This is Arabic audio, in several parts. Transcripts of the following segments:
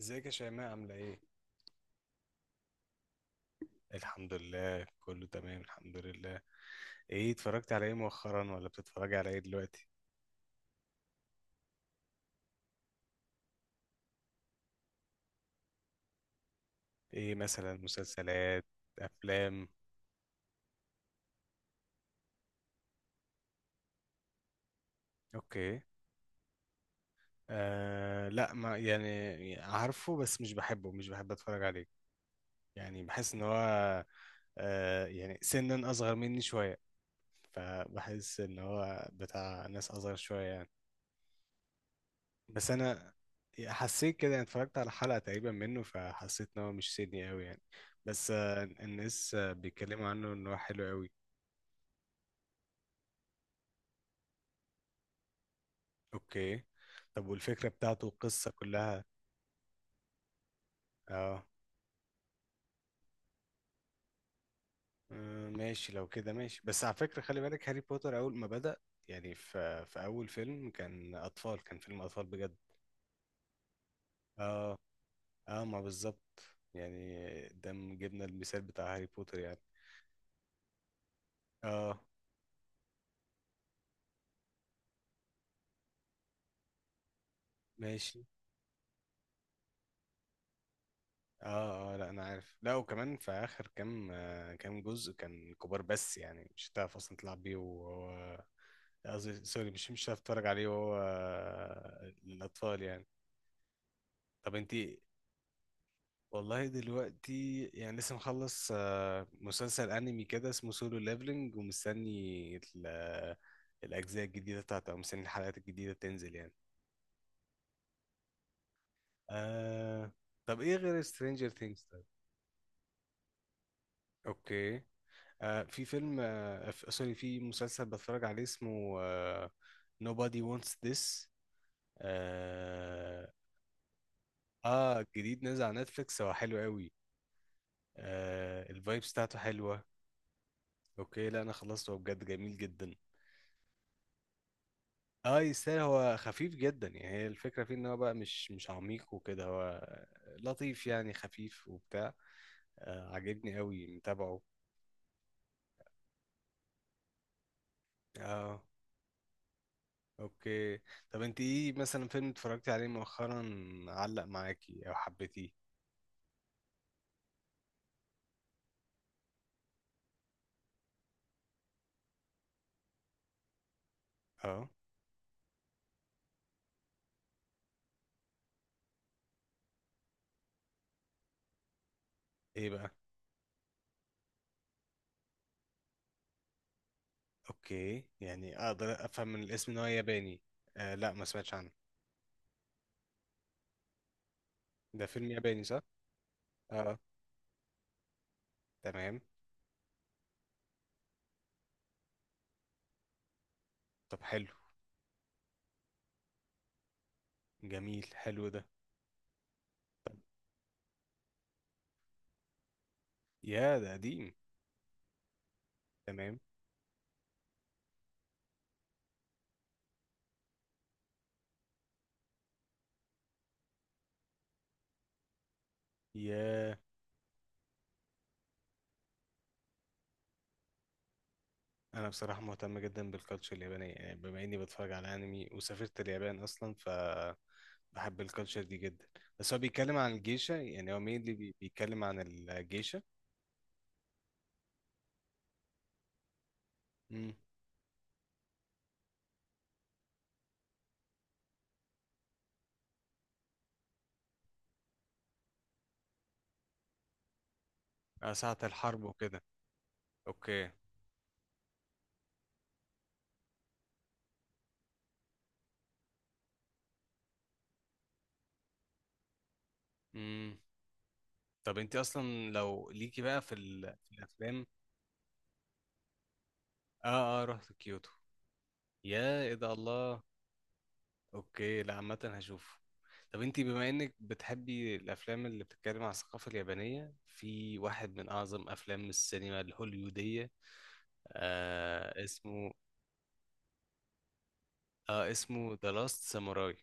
ازيك يا شيماء عاملة ايه؟ الحمد لله كله تمام الحمد لله. ايه اتفرجت على ايه مؤخرا ولا بتتفرجي على ايه دلوقتي؟ ايه مثلا مسلسلات افلام؟ اوكي. لا، ما يعني عارفه بس مش بحبه، مش بحب اتفرج عليه. يعني بحس ان هو يعني سنا اصغر مني شوية، فبحس ان هو بتاع ناس اصغر شوية. بس انا حسيت كده، أنا اتفرجت على حلقة تقريبا منه فحسيت ان هو مش سيدني قوي يعني. بس آه، الناس آه، بيتكلموا عنه ان هو حلو قوي. اوكي. طب والفكرة بتاعته، القصة كلها؟ اه، آه، ماشي، لو كده ماشي. بس على فكرة خلي بالك، هاري بوتر اول ما بدأ يعني في اول فيلم كان اطفال، كان فيلم اطفال بجد. اه، اه، ما بالظبط يعني، ده جبنا المثال بتاع هاري بوتر يعني. اه ماشي. اه اه، لا انا عارف. لا، وكمان في اخر كام آه، كام جزء كان كبار بس يعني مش هتعرف اصلا تلعب بيه وهو، قصدي سوري، مش مش هتعرف تتفرج عليه وهو آه، للاطفال يعني. طب انت؟ والله دلوقتي يعني لسه مخلص آه، مسلسل انمي كده اسمه سولو ليفلنج، ومستني الاجزاء الجديده بتاعته، او مستني الحلقات الجديده تنزل يعني. آه. طب ايه غير سترينجر ثينجز طيب؟ اوكي. آه، في فيلم آه، سوري، في مسلسل بتفرج عليه اسمه آه، Nobody Wants This. اه. آه، جديد نازل على نتفليكس، هو حلو قوي. آه، الفايبس بتاعته حلوة. اوكي، لا انا خلصته، هو بجد جميل جدا. اه يستاهل. هو خفيف جدا يعني، هي الفكرة فيه ان هو بقى مش عميق وكده، هو لطيف يعني، خفيف وبتاع. آه عجبني قوي، متابعه. اه اوكي. طب انت، ايه مثلا فيلم اتفرجتي عليه مؤخرا علق معاكي او حبيتيه؟ اه ايه بقى؟ اوكي، يعني اقدر افهم من الاسم ان هو ياباني. آه لا ما سمعتش عنه. ده فيلم ياباني صح؟ اه تمام. طب حلو. جميل، حلو ده. يا ده قديم. تمام. يا، انا بصراحة مهتم جدا بالكالتشر اليابانية يعني، بما اني بتفرج على انمي وسافرت اليابان اصلا، ف بحب الكالتشر دي جدا. بس هو بيتكلم عن الجيشة يعني، هو مين بيتكلم عن الجيشة؟ امم. آه ساعة الحرب وكده. اوكي. امم. طب انت اصلا لو ليكي بقى في، في الافلام. اه اه رحت كيوتو. يا ايه ده، الله! اوكي، لا عامه هشوفه. طب انت بما انك بتحبي الافلام اللي بتتكلم عن الثقافه اليابانيه، في واحد من اعظم افلام السينما الهوليوديه آه اسمه، اه اسمه ذا لاست ساموراي.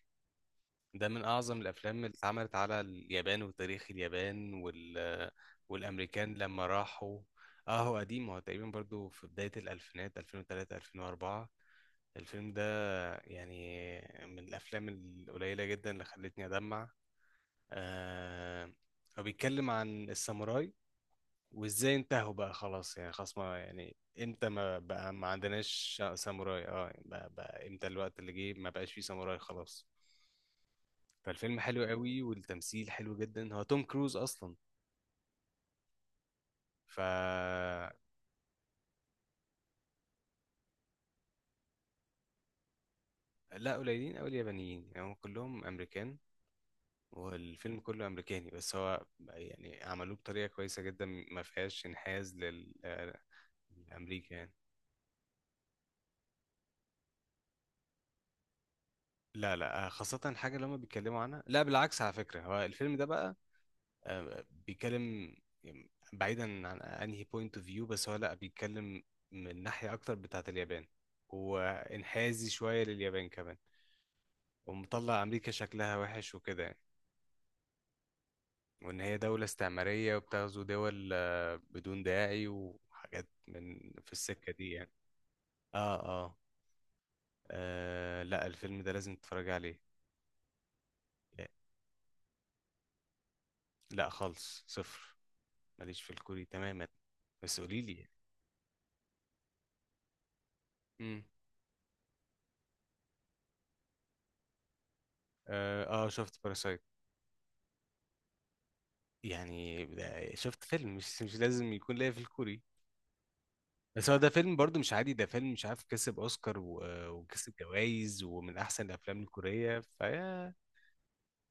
ده من اعظم الافلام اللي اتعملت على اليابان وتاريخ اليابان والامريكان لما راحوا. اه هو قديم، هو تقريبا برضو في بداية الألفينات 2003 2004. الفيلم ده يعني من الافلام القليله جدا اللي خلتني ادمع. آه. هو بيتكلم عن الساموراي وازاي انتهوا بقى، خلاص يعني خلاص ما يعني، امتى ما بقى ما عندناش ساموراي. اه يعني بقى امتى الوقت اللي جه ما بقاش فيه ساموراي خلاص. فالفيلم حلو قوي، والتمثيل حلو جدا، هو توم كروز اصلا. ف لا، قليلين قوي اليابانيين يعني، هم كلهم امريكان، والفيلم كله امريكاني. بس هو يعني عملوه بطريقه كويسه جدا، ما فيهاش انحياز آه، لامريكا يعني. لا لا آه، خاصه الحاجه اللي هم بيتكلموا عنها. لا بالعكس، على فكره هو الفيلم ده بقى آه، بيتكلم يعني، بعيدا عن انهي بوينت اوف فيو، بس هو لا، بيتكلم من ناحيه اكتر بتاعه اليابان، وانحازي شويه لليابان كمان. ومطلع امريكا شكلها وحش وكده يعني، وإن هي دولة استعمارية وبتغزو دول آه، بدون داعي، وحاجات من في السكة دي يعني. آه آه. آه، لا الفيلم ده لازم تتفرج عليه. لا خالص، صفر. ماليش في الكوري تماما. بس قولي لي. امم. آه، اه شفت باراسايت. يعني ده، شفت فيلم مش لازم يكون ليا في الكوري. بس هو ده فيلم برضو مش عادي، ده فيلم مش عارف كسب اوسكار وكسب جوائز ومن احسن الافلام الكورية فيا.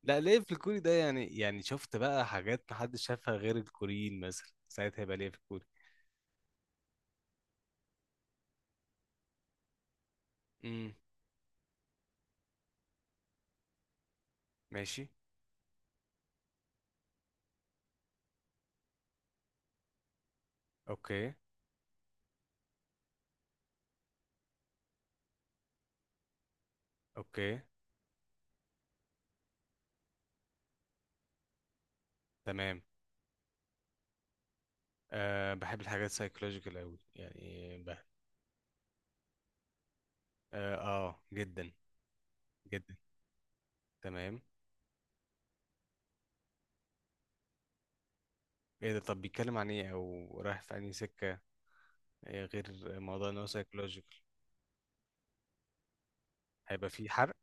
لا، ليه في الكوري ده يعني، يعني شفت بقى حاجات محدش شافها غير الكوريين مثلا ساعتها يبقى ليه في الكوري. امم. ماشي. اوكي. اوكي. تمام. أه بحب الحاجات السايكولوجيكال قوي يعني، بحب. اه آه، جدا. جدا. تمام. ايه ده، طب بيتكلم عن ايه او رايح في انهي سكة؟ إيه غير موضوع ان هو سايكولوجيكال؟ هيبقى فيه حرق؟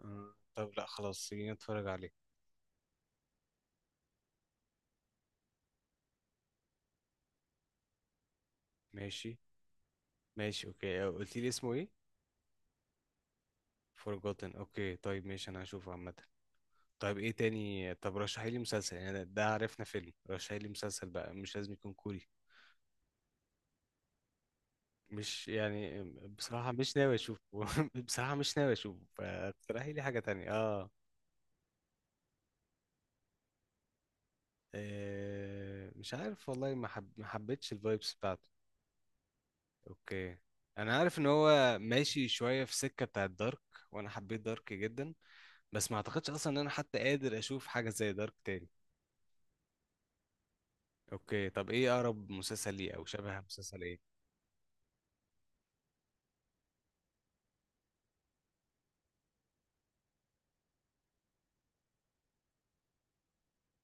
آه، طب لا خلاص، خلينا نتفرج عليه. ماشي. ماشي اوكي، آه، قلت لي اسمه ايه؟ Forgotten؟ اوكي طيب ماشي، انا هشوفه عامة. طيب ايه تاني؟ طب رشحي لي مسلسل، يعني ده عرفنا فيلم، رشحي لي مسلسل بقى مش لازم يكون كوري. مش يعني، بصراحة مش ناوي اشوفه بصراحة مش ناوي اشوفه، فاقترحي لي حاجة تانية اه. آه، مش عارف والله، ما حبيتش الفايبس بتاعته. اوكي. انا عارف ان هو ماشي شوية في سكة بتاعت دارك، وانا حبيت دارك جدا، بس ما اعتقدش اصلا ان انا حتى قادر اشوف حاجة زي دارك تاني. اوكي طب ايه اقرب مسلسل ليه، او شبه مسلسل ايه؟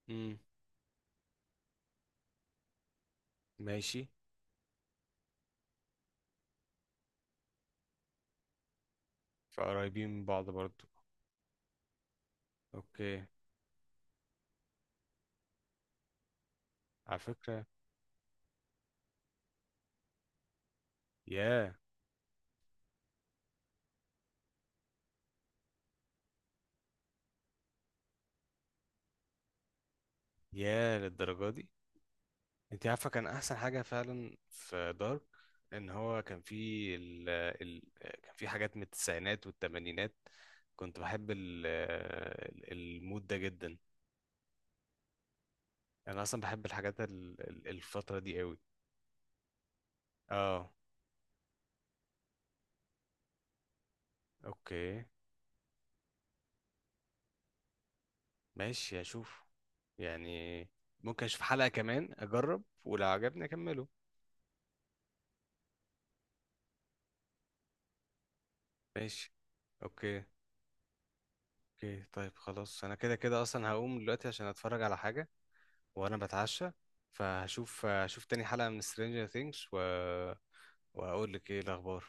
امم. ماشي. فقريبين من بعض برضو. اوكي. على فكرة. يا. يا للدرجة دي؟ انت عارفة كان احسن حاجة فعلا في دارك ان هو كان فيه كان فيه حاجات من التسعينات والتمانينات، كنت بحب المود ده جدا. انا اصلا بحب الحاجات الفترة دي قوي. اه. اوكي. ماشي اشوف يعني، ممكن اشوف حلقة كمان اجرب، ولو عجبني اكمله. ماشي. اوكي. اوكي طيب خلاص، انا كده اصلا هقوم دلوقتي عشان اتفرج على حاجة وانا بتعشى، فهشوف، هشوف تاني حلقة من Stranger Things و... وهقول لك ايه الاخبار.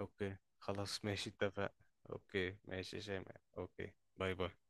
اوكي خلاص ماشي، اتفق. اوكي ماشي يا شيماء، اوكي باي باي.